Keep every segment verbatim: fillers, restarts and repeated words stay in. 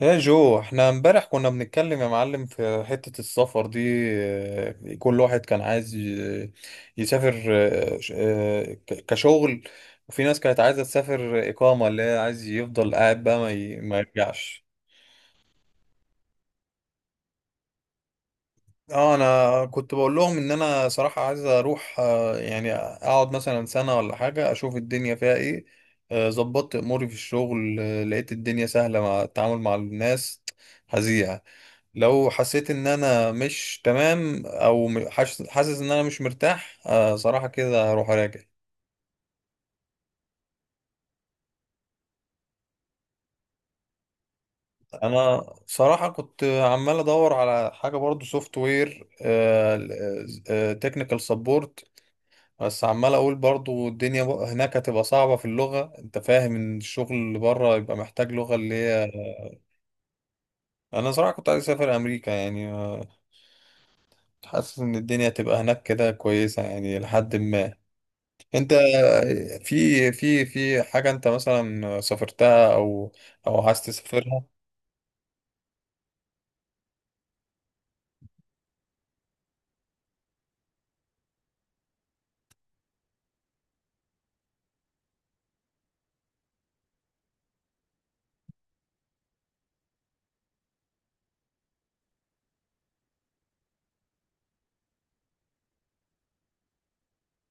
يا جو، احنا امبارح كنا بنتكلم يا معلم في حتة السفر دي. اه، كل واحد كان عايز ي- يسافر اه، ش- اه، ك- كشغل. وفي ناس كانت عايزة تسافر إقامة، اللي هي عايز يفضل قاعد بقى ما ي- ما يرجعش. اه انا كنت بقول لهم ان انا صراحة عايز اروح، آه، يعني اقعد مثلا سنة ولا حاجة، اشوف الدنيا فيها ايه. آه، ظبطت اموري في الشغل، آه، لقيت الدنيا سهلة مع التعامل مع الناس. هزيع. لو حسيت ان انا مش تمام، او م- حاسس حاسس ان انا مش مرتاح، آه صراحة كده هروح اراجع. انا صراحة كنت عمال ادور على حاجة برضو، سوفت وير تكنيكال سبورت. بس عمال اقول برضو الدنيا ب- هناك هتبقى صعبة في اللغة. انت فاهم ان الشغل اللي بره يبقى محتاج لغة اللي هي. انا صراحة كنت عايز اسافر امريكا، يعني، آه، حاسس ان الدنيا هتبقى هناك كده كويسة. يعني لحد ما انت في في في حاجة انت مثلا سافرتها او او عايز تسافرها.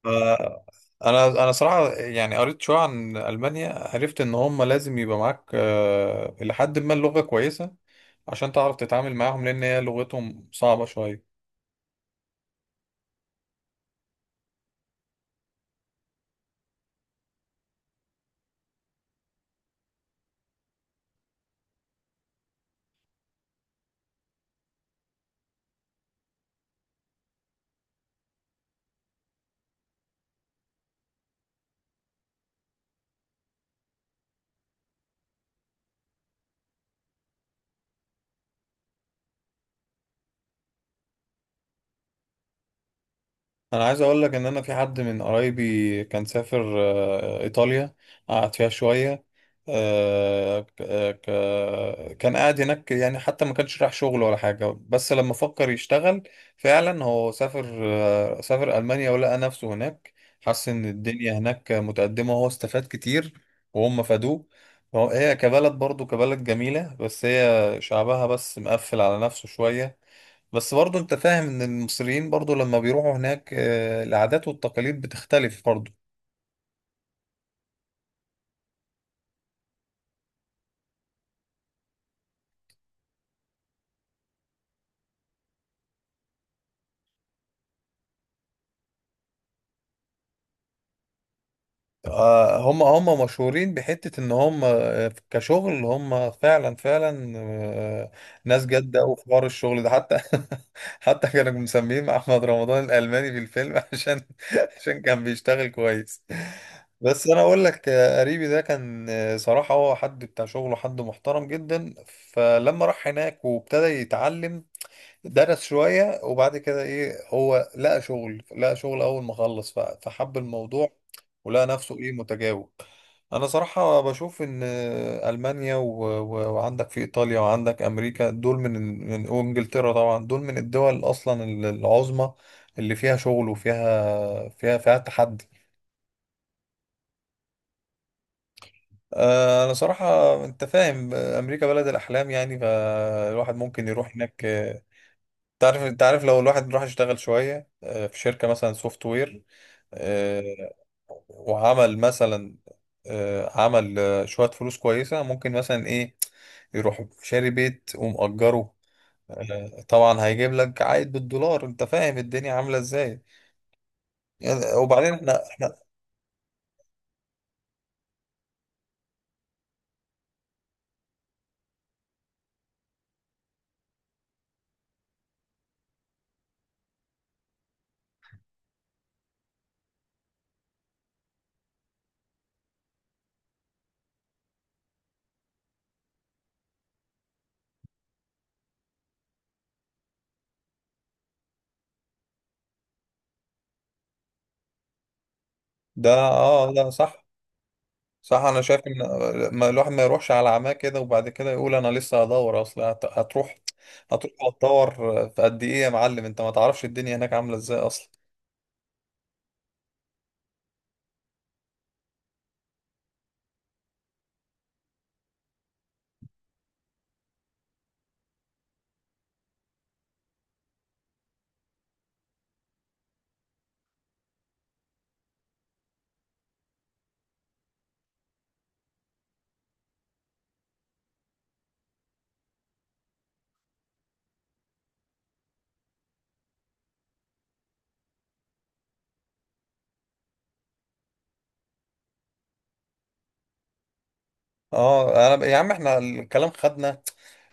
آه، انا انا صراحة يعني قريت شوية عن ألمانيا. عرفت ان هم لازم يبقى معاك آه، لحد ما اللغة كويسة عشان تعرف تتعامل معاهم، لان هي لغتهم صعبة شوية. انا عايز اقول لك ان انا في حد من قرايبي كان سافر آه، ايطاليا. قعد فيها شويه. آه، ك- آه، ك- كان قاعد هناك يعني، حتى ما كانش رايح شغل ولا حاجه. بس لما فكر يشتغل فعلا، هو سافر آه، سافر المانيا ولقى نفسه هناك. حس ان الدنيا هناك متقدمه، وهو استفاد كتير وهم فادوه. فهو- هي كبلد برضو كبلد جميله، بس هي شعبها بس مقفل على نفسه شويه. بس برضه انت فاهم ان المصريين برضه لما بيروحوا هناك، آه، العادات والتقاليد بتختلف برضه. آه، هم هم مشهورين بحتة ان هم، آه، كشغل، هم فعلا فعلا، آه، ناس جادة أوي في حوار الشغل ده، حتى حتى كانوا مسمين احمد رمضان الالماني في الفيلم عشان عشان كان بيشتغل كويس. بس انا اقول لك، آه، قريبي ده كان، آه، صراحة هو حد بتاع شغله، حد محترم جدا. فلما راح هناك وابتدى يتعلم، درس شوية وبعد كده ايه، هو لقى شغل لقى شغل اول ما خلص. ف- فحب الموضوع ولقى نفسه ايه متجاوب. انا صراحة بشوف ان المانيا، و... و... وعندك في ايطاليا، وعندك امريكا، دول من من وانجلترا طبعا، دول من الدول اصلا العظمى، اللي فيها شغل وفيها فيها فيها تحدي. آه، انا صراحة، انت فاهم، امريكا بلد الاحلام، يعني فالواحد ممكن يروح هناك. تعرف، انت عارف لو الواحد راح يشتغل شوية، آه، في شركة مثلا سوفت وير، آه، وعمل مثلا، آه، عمل آه، شوية فلوس كويسة، ممكن مثلا ايه، يروح شاري بيت ومأجره. آه، طبعا هيجيب لك عائد بالدولار. انت فاهم الدنيا عاملة ازاي. يعني- وبعدين احنا احنا. ده اه لا صح. صح، انا شايف ان ما الواحد ما يروحش على عماه كده وبعد كده يقول انا لسه هدور. اصل هت- هتروح هتروح هتدور. في قد ايه يا معلم انت ما تعرفش الدنيا هناك عامله ازاي اصلا. اه، انا ب- يا عم، احنا الكلام خدنا.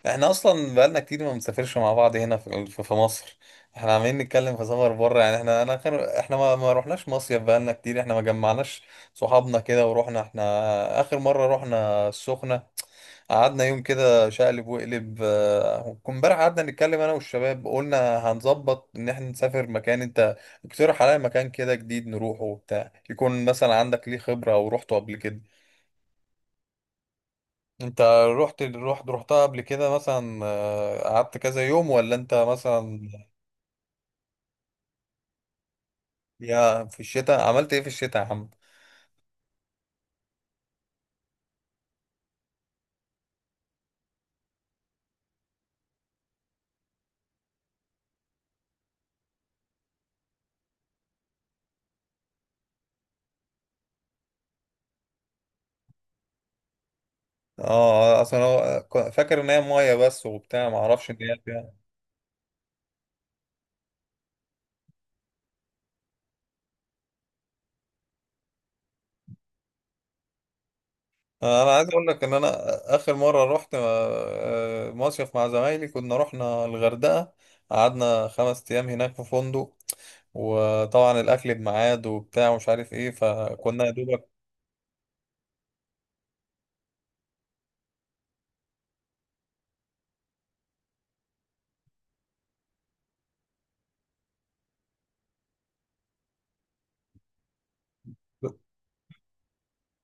احنا اصلا بقالنا كتير ما بنسافرش مع بعض هنا في في في مصر. احنا عمالين نتكلم في سفر بره. يعني احنا، انا اخر، احنا ما, ما رحناش مصيف بقالنا كتير. احنا ما جمعناش صحابنا كده ورحنا. احنا اخر مره رحنا السخنه، قعدنا يوم كده شقلب وقلب. آه، كنا امبارح قعدنا نتكلم انا والشباب، قلنا هنظبط ان احنا نسافر مكان. انت اقترح عليا مكان كده جديد نروحه وبتاع، يكون مثلا عندك ليه خبرة او روحته قبل كده. انت رحت رحت رحتها قبل كده مثلا، آه، قعدت كذا يوم، ولا انت مثلا؟ يا، في الشتاء عملت ايه في الشتاء يا عم؟ اه اصلا هو- فاكر ان هي ميه بس وبتاع، ما اعرفش ان هي فيها. انا عايز اقول لك ان انا اخر مره رحت آه، مصيف مع زمايلي، كنا رحنا الغردقه. قعدنا خمس ايام هناك في فندق، وطبعا الاكل بميعاد وبتاع ومش عارف ايه. فكنا يا دوبك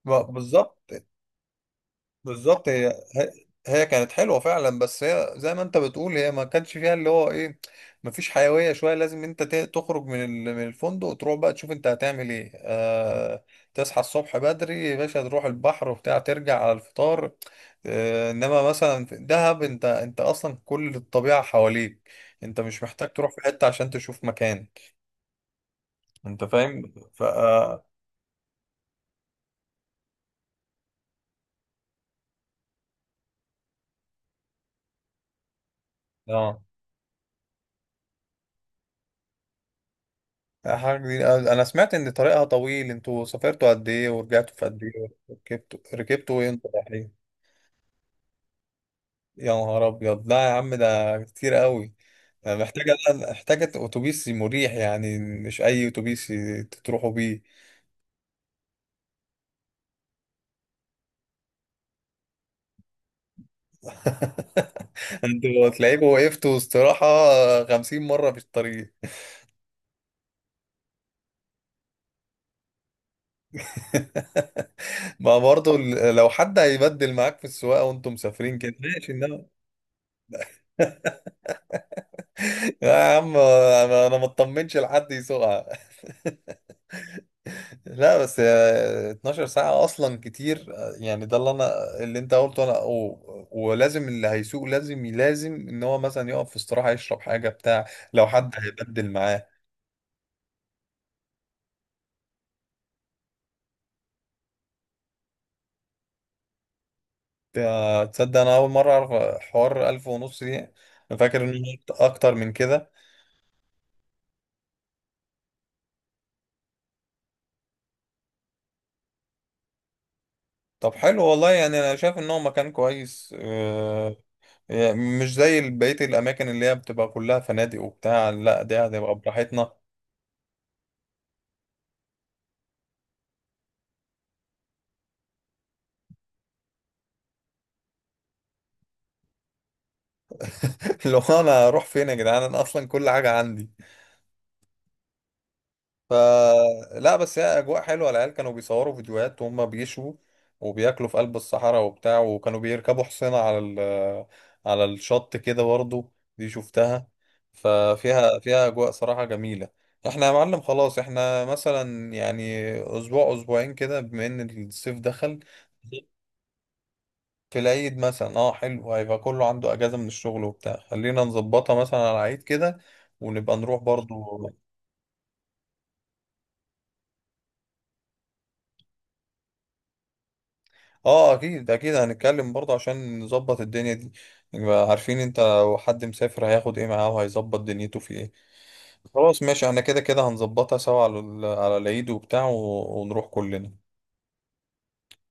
ب- بالظبط. بالظبط، هي هي هي كانت حلوه فعلا. بس هي زي ما انت بتقول، هي ما كانش فيها اللي هو ايه، ما فيش حيويه شويه. لازم انت ت- تخرج من ال- من الفندق، وتروح بقى تشوف انت هتعمل ايه. آه، تصحى الصبح بدري يا باشا، تروح البحر وبتاع، ترجع على الفطار. آه، انما مثلا في دهب انت، انت اصلا كل الطبيعه حواليك. انت مش محتاج تروح في حته عشان تشوف مكان. انت فاهم؟ ف... اه لا، حاجة جديدة. أنا أنا سمعت إن طريقها طويل. أنتوا سافرتوا قد إيه، ورجعتوا في قد إيه؟ ركبتوا ركبتوا إمتى رايحين؟ يا نهار أبيض، لا يا عم، ده كتير قوي. أنا محتاجة محتاجة أتوبيس مريح، يعني مش أي أتوبيس ي- تروحوا بيه. أنتوا تلاقيكوا وقفتوا استراحة خمسين مرة في الطريق. ما برضه، ال- لو حد هيبدل معاك في السواقة وأنتم مسافرين كده ماشي، إنما... لا يا عم، انا انا ما اطمنش لحد يسوقها. لا بس آه، 12 ساعة أصلا كتير. آه، يعني ده اللي أنا، اللي أنت قلته. أنا و- ولازم اللي هيسوق لازم، لازم إن هو مثلا يقف في استراحة، يشرب حاجة بتاع لو حد هيبدل معاه. آه، تصدق أنا أول مرة أعرف حوار ألف ونص دي؟ أنا فاكر إنه أكتر من كده. طب حلو والله، يعني أنا شايف إن هو مكان كويس. آه، يعني مش زي بقية الأماكن اللي هي بتبقى كلها فنادق وبتاع، لا دي هتبقى براحتنا. لو أنا أروح فين يا جدعان؟ أنا أصلا كل حاجة عندي. ف... لا بس هي اجواء حلوه. العيال كانوا بيصوروا فيديوهات وهم بيشوا وبياكلوا في قلب الصحراء وبتاع، وكانوا بيركبوا حصينه على ال... على الشط كده برضه، دي شفتها. ففيها فيها اجواء صراحه جميله. احنا يا معلم خلاص، احنا مثلا يعني اسبوع اسبوعين كده بما ان الصيف دخل. في العيد مثلا، اه حلو، هيبقى كله عنده اجازه من الشغل وبتاع. خلينا نظبطها مثلا على العيد كده، ونبقى نروح برضه. اه اكيد اكيد، هنتكلم برضه عشان نظبط الدنيا دي. نبقى عارفين انت، لو حد مسافر هياخد ايه معاه وهيظبط دنيته في ايه. خلاص ماشي، احنا كده كده هنظبطها سوا على ال- على العيد وبتاع و- ونروح كلنا.